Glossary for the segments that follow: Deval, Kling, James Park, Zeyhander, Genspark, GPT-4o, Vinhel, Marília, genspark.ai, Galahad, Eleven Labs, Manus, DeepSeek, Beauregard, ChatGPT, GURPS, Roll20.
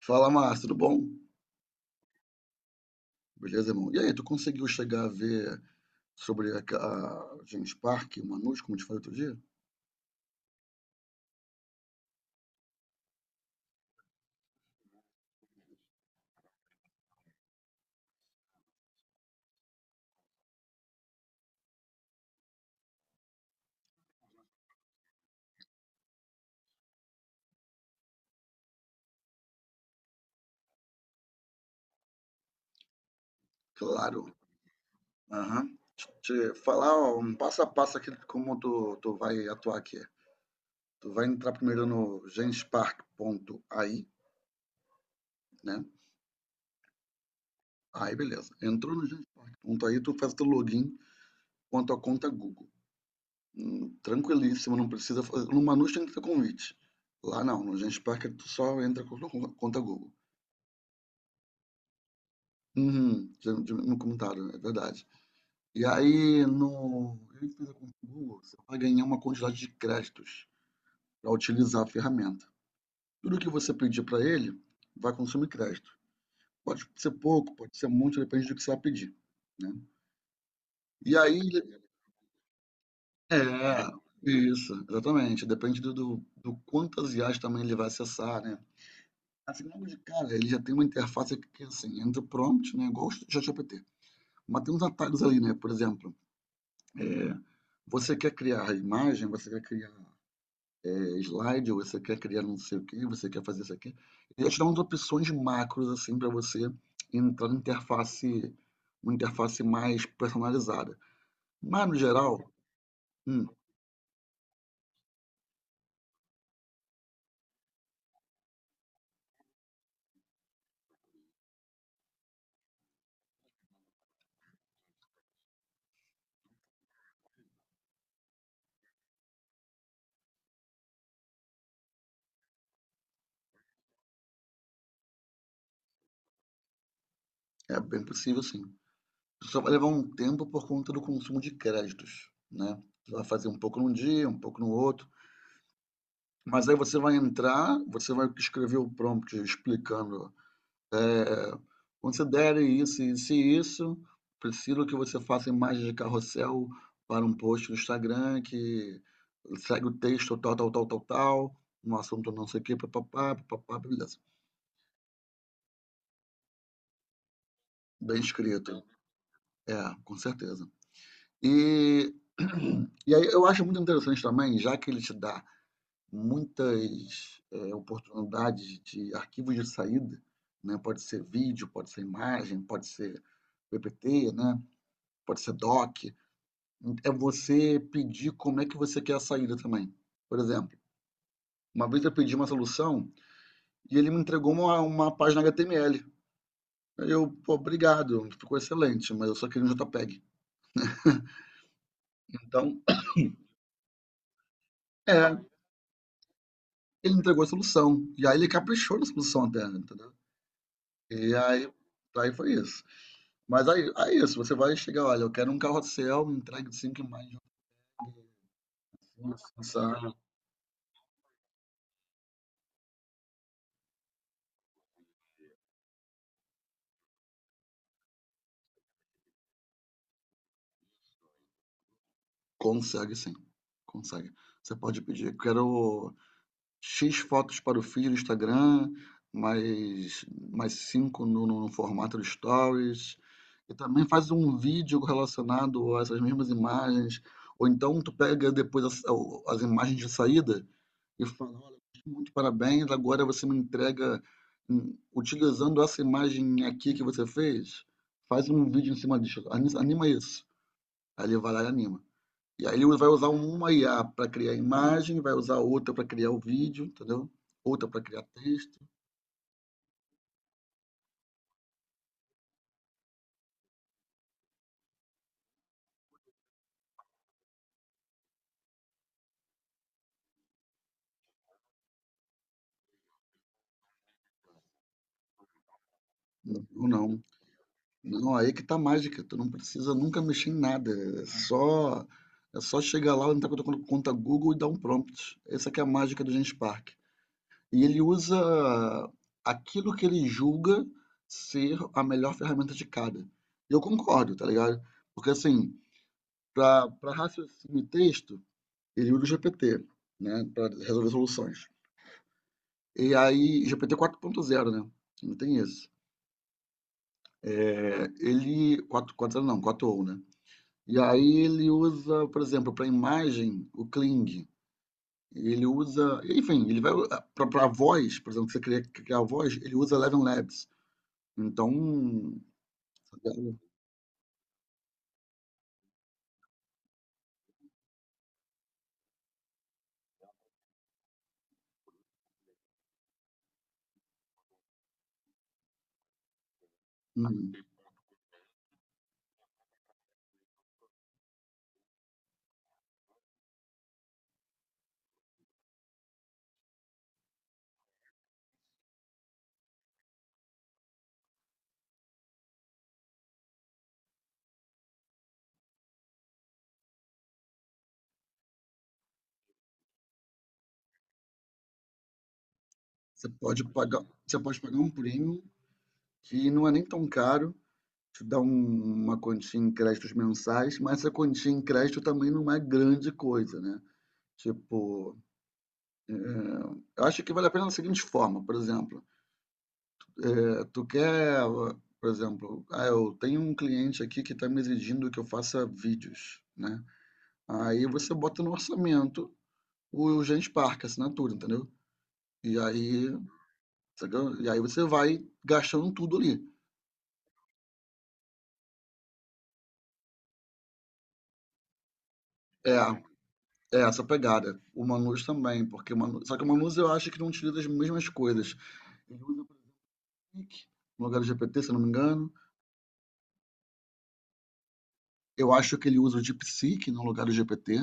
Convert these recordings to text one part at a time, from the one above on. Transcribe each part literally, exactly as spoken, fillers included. Fala, Márcio, tudo bom? Beleza, irmão? E aí, tu conseguiu chegar a ver sobre a, a James Park, o Manus, como eu te falei outro dia? Claro. Aham. Te, te falar ó, um passo a passo aqui de como tu, tu vai atuar aqui. Tu vai entrar primeiro no genspark ponto a i, né? Aí, beleza. Entrou no genspark ponto a i, tu faz o teu login com a tua conta Google. Hum, tranquilíssimo, não precisa fazer. No Manus tem que ter convite. Lá não, no Genspark tu só entra com a tua conta Google. Uhum, já já me comentaram, é verdade. E aí no ele fez a conta no Google, você vai ganhar uma quantidade de créditos para utilizar a ferramenta. Tudo que você pedir para ele vai consumir crédito. Pode ser pouco, pode ser muito, depende do que você vai pedir, né. E aí ele é, isso, exatamente, depende do do do quantas I As também ele vai acessar, né. Assim, logo de cara ele já tem uma interface que assim, entra o prompt, né, igual o ChatGPT, mas tem uns atalhos ali, né, por exemplo, É, você quer criar imagem, você quer criar eh, slide, você quer criar não sei o quê, você quer fazer isso aqui. Ele te dá umas opções macros assim para você entrar na interface, uma interface mais personalizada. Mas no geral, hum, é bem possível sim. Só vai levar um tempo por conta do consumo de créditos, né? Você vai fazer um pouco num dia, um pouco no outro. Mas aí você vai entrar, você vai escrever o prompt explicando eh, considere isso, isso e isso. Preciso que você faça imagens de carrossel para um post do Instagram que segue o texto tal, tal, tal, tal, tal, um assunto não sei o que, papapá, papapá, beleza. Bem escrito. É, com certeza. E, e aí eu acho muito interessante também, já que ele te dá muitas eh, oportunidades de arquivos de saída, né? Pode ser vídeo, pode ser imagem, pode ser P P T, né? Pode ser doc. É você pedir como é que você quer a saída também. Por exemplo, uma vez eu pedi uma solução e ele me entregou uma, uma página H T M L. Aí eu, pô, obrigado, ficou excelente, mas eu só queria um JPEG. Então, é, ele entregou a solução. E aí ele caprichou na solução até, entendeu? E aí, aí foi isso. Mas aí, aí é isso, você vai chegar, olha, eu quero um carrossel, me entregue de cinco imagens. Consegue, consegue sim, consegue. Você pode pedir, eu quero X fotos para o feed do Instagram, mais mais cinco no no no formato do Stories, e também faz um vídeo relacionado a essas mesmas imagens, ou então tu pega depois as o as imagens de saída e fala: "Olha, muito parabéns, agora você me entrega, hum, utilizando essa imagem aqui que você fez, faz um vídeo em cima disso, ani anima isso". Aí ele vai lá e anima. E aí ele vai usar uma I A para criar imagem, vai usar outra para criar o vídeo, entendeu? Outra para criar texto, ou não. Não, aí que tá a mágica, tu não precisa nunca mexer em nada, é só, é só chegar lá, entrar com a conta Google e dar um prompt. Essa que é a mágica do Genspark. E ele usa aquilo que ele julga ser a melhor ferramenta de cada. Eu concordo, tá ligado? Porque assim, para raciocínio e texto, ele usa o G P T, né, para resolver soluções. E aí G P T zero né, não tem isso. Eh, ele quatro quatro não, quatro ou né. E aí ele usa, por exemplo, para imagem o Kling, ele usa enfim, ele vai para para voz, por exemplo, que você queria criar a voz, ele usa Eleven Labs. Então, hum, você pode pagar você pode pagar um prêmio que não é nem tão caro, te dá um uma quantia em créditos mensais, mas essa quantia em crédito também não é grande coisa, né. Tipo eu acho que vale a pena da seguinte forma, por exemplo, eh, tu quer, por exemplo, ah, eu tenho um cliente aqui que está me exigindo que eu faça vídeos, né? Aí você bota no orçamento o Genspark, a assinatura, entendeu? E aí, sacou? E aí você vai gastando tudo ali. É, é essa pegada. O Manus também, porque o Manus, só que o Manus eu acho que não utiliza as mesmas coisas. Ele usa o Click, no lugar do G P T, se eu não me engano. Eu acho que ele usa o DeepSeek no lugar do G P T.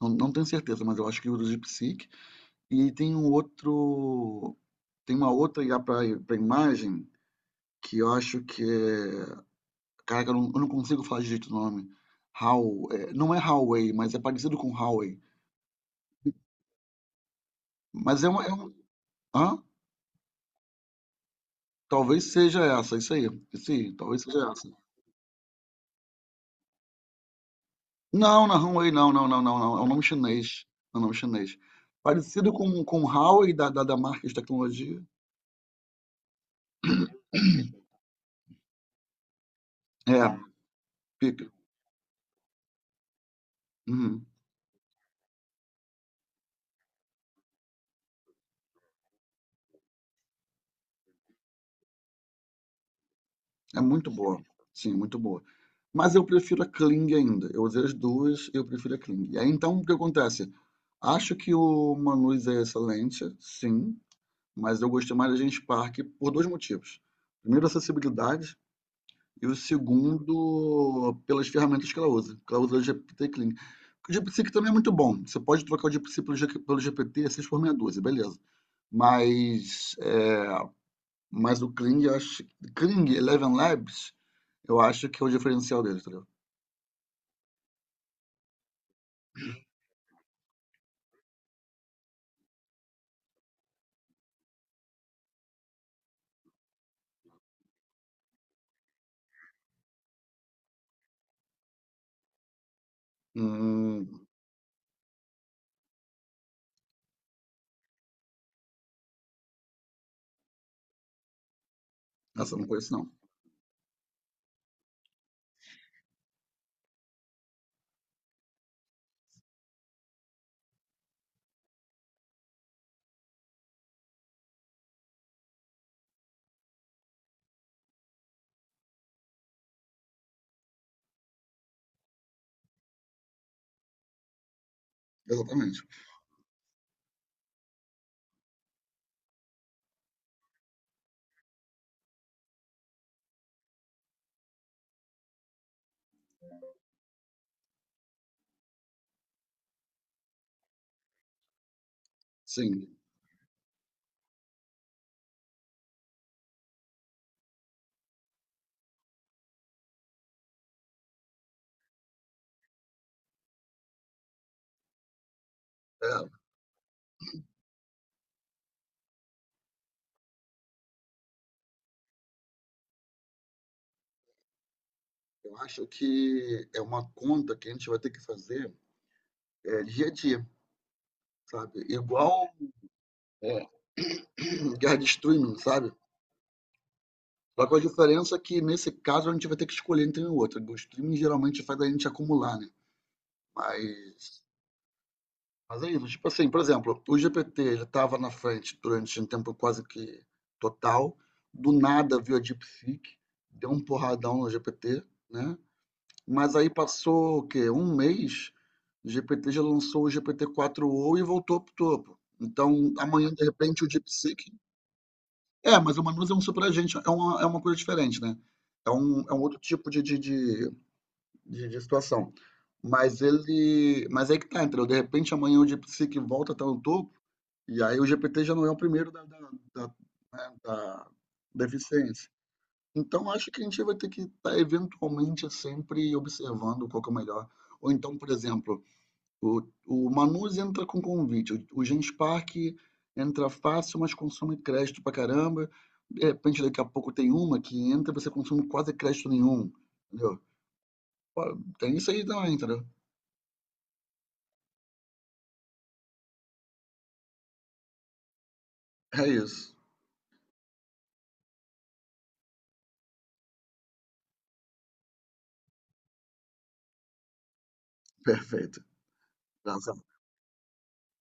Não, não tenho certeza, mas eu acho que ele usa o DeepSeek. E tem um outro. Tem uma outra I A para imagem que eu acho que é. Caraca, eu não, eu não consigo falar direito o nome. How, é, não é Huawei, mas é parecido com Huawei. Mas é uma. É um, hã? Talvez seja essa, isso aí. Isso aí, talvez seja essa. Não, não é Huawei, não, não, não, não, não. É um nome chinês. É um nome chinês. Parecido com, com Huawei da, da, da marca de tecnologia. É, pica. Uhum. É muito boa. Sim, muito boa. Mas eu prefiro a Kling ainda. Eu usei as duas, eu prefiro a Kling. E aí então o que acontece? Acho que o Manus é excelente, sim, mas eu gostei mais da Genspark Park por dois motivos. Primeiro, a acessibilidade, e o segundo, pelas ferramentas que ela usa. Que ela usa o G P T Kling. O G P T que também é muito bom. Você pode trocar o G P T pelo G- P T pelo G P T seis por meia dúzia, beleza. Mas, é, mas o Kling, eu acho, Kling Eleven Labs. Eu acho que é o diferencial dele, entendeu? Hum, Essa eu não, uhum, conheço, não. Exatamente. Sim. É, eu acho que é uma conta que a gente vai ter que fazer é, dia a dia, sabe? Igual é, guerra de streaming, sabe? Só que a diferença é que nesse caso a gente vai ter que escolher entre um e outro. O streaming geralmente faz a gente acumular, né? Mas, mas é isso. Tipo assim, por exemplo, o G P T ele estava na frente durante um tempo quase que total. Do nada veio a DeepSeek, deu um porradão no G P T, né? Mas aí passou o quê? Um mês, o G P T já lançou o G P T quatro ou e voltou pro topo. Então, amanhã, de repente, o DeepSeek. É, mas o Manus é um superagente, é uma, é uma coisa diferente, né? É um, é um outro tipo de, de, de, de- de situação. Mas ele. Mas aí que tá, entendeu? De repente, amanhã o DeepSeek volta a estar no topo, e aí o G P T já não é o primeiro da, da, da, né, da deficiência. Então, acho que a gente vai ter que estar eventualmente sempre observando qual que é o melhor. Ou então, por exemplo, o, o Manus entra com convite, o, o Gens Park entra fácil, mas consome crédito pra caramba. De repente, daqui a pouco tem uma que entra e você consome quase crédito nenhum, entendeu? Pô, tem isso aí também, entendeu? É isso. Perfeito. Graças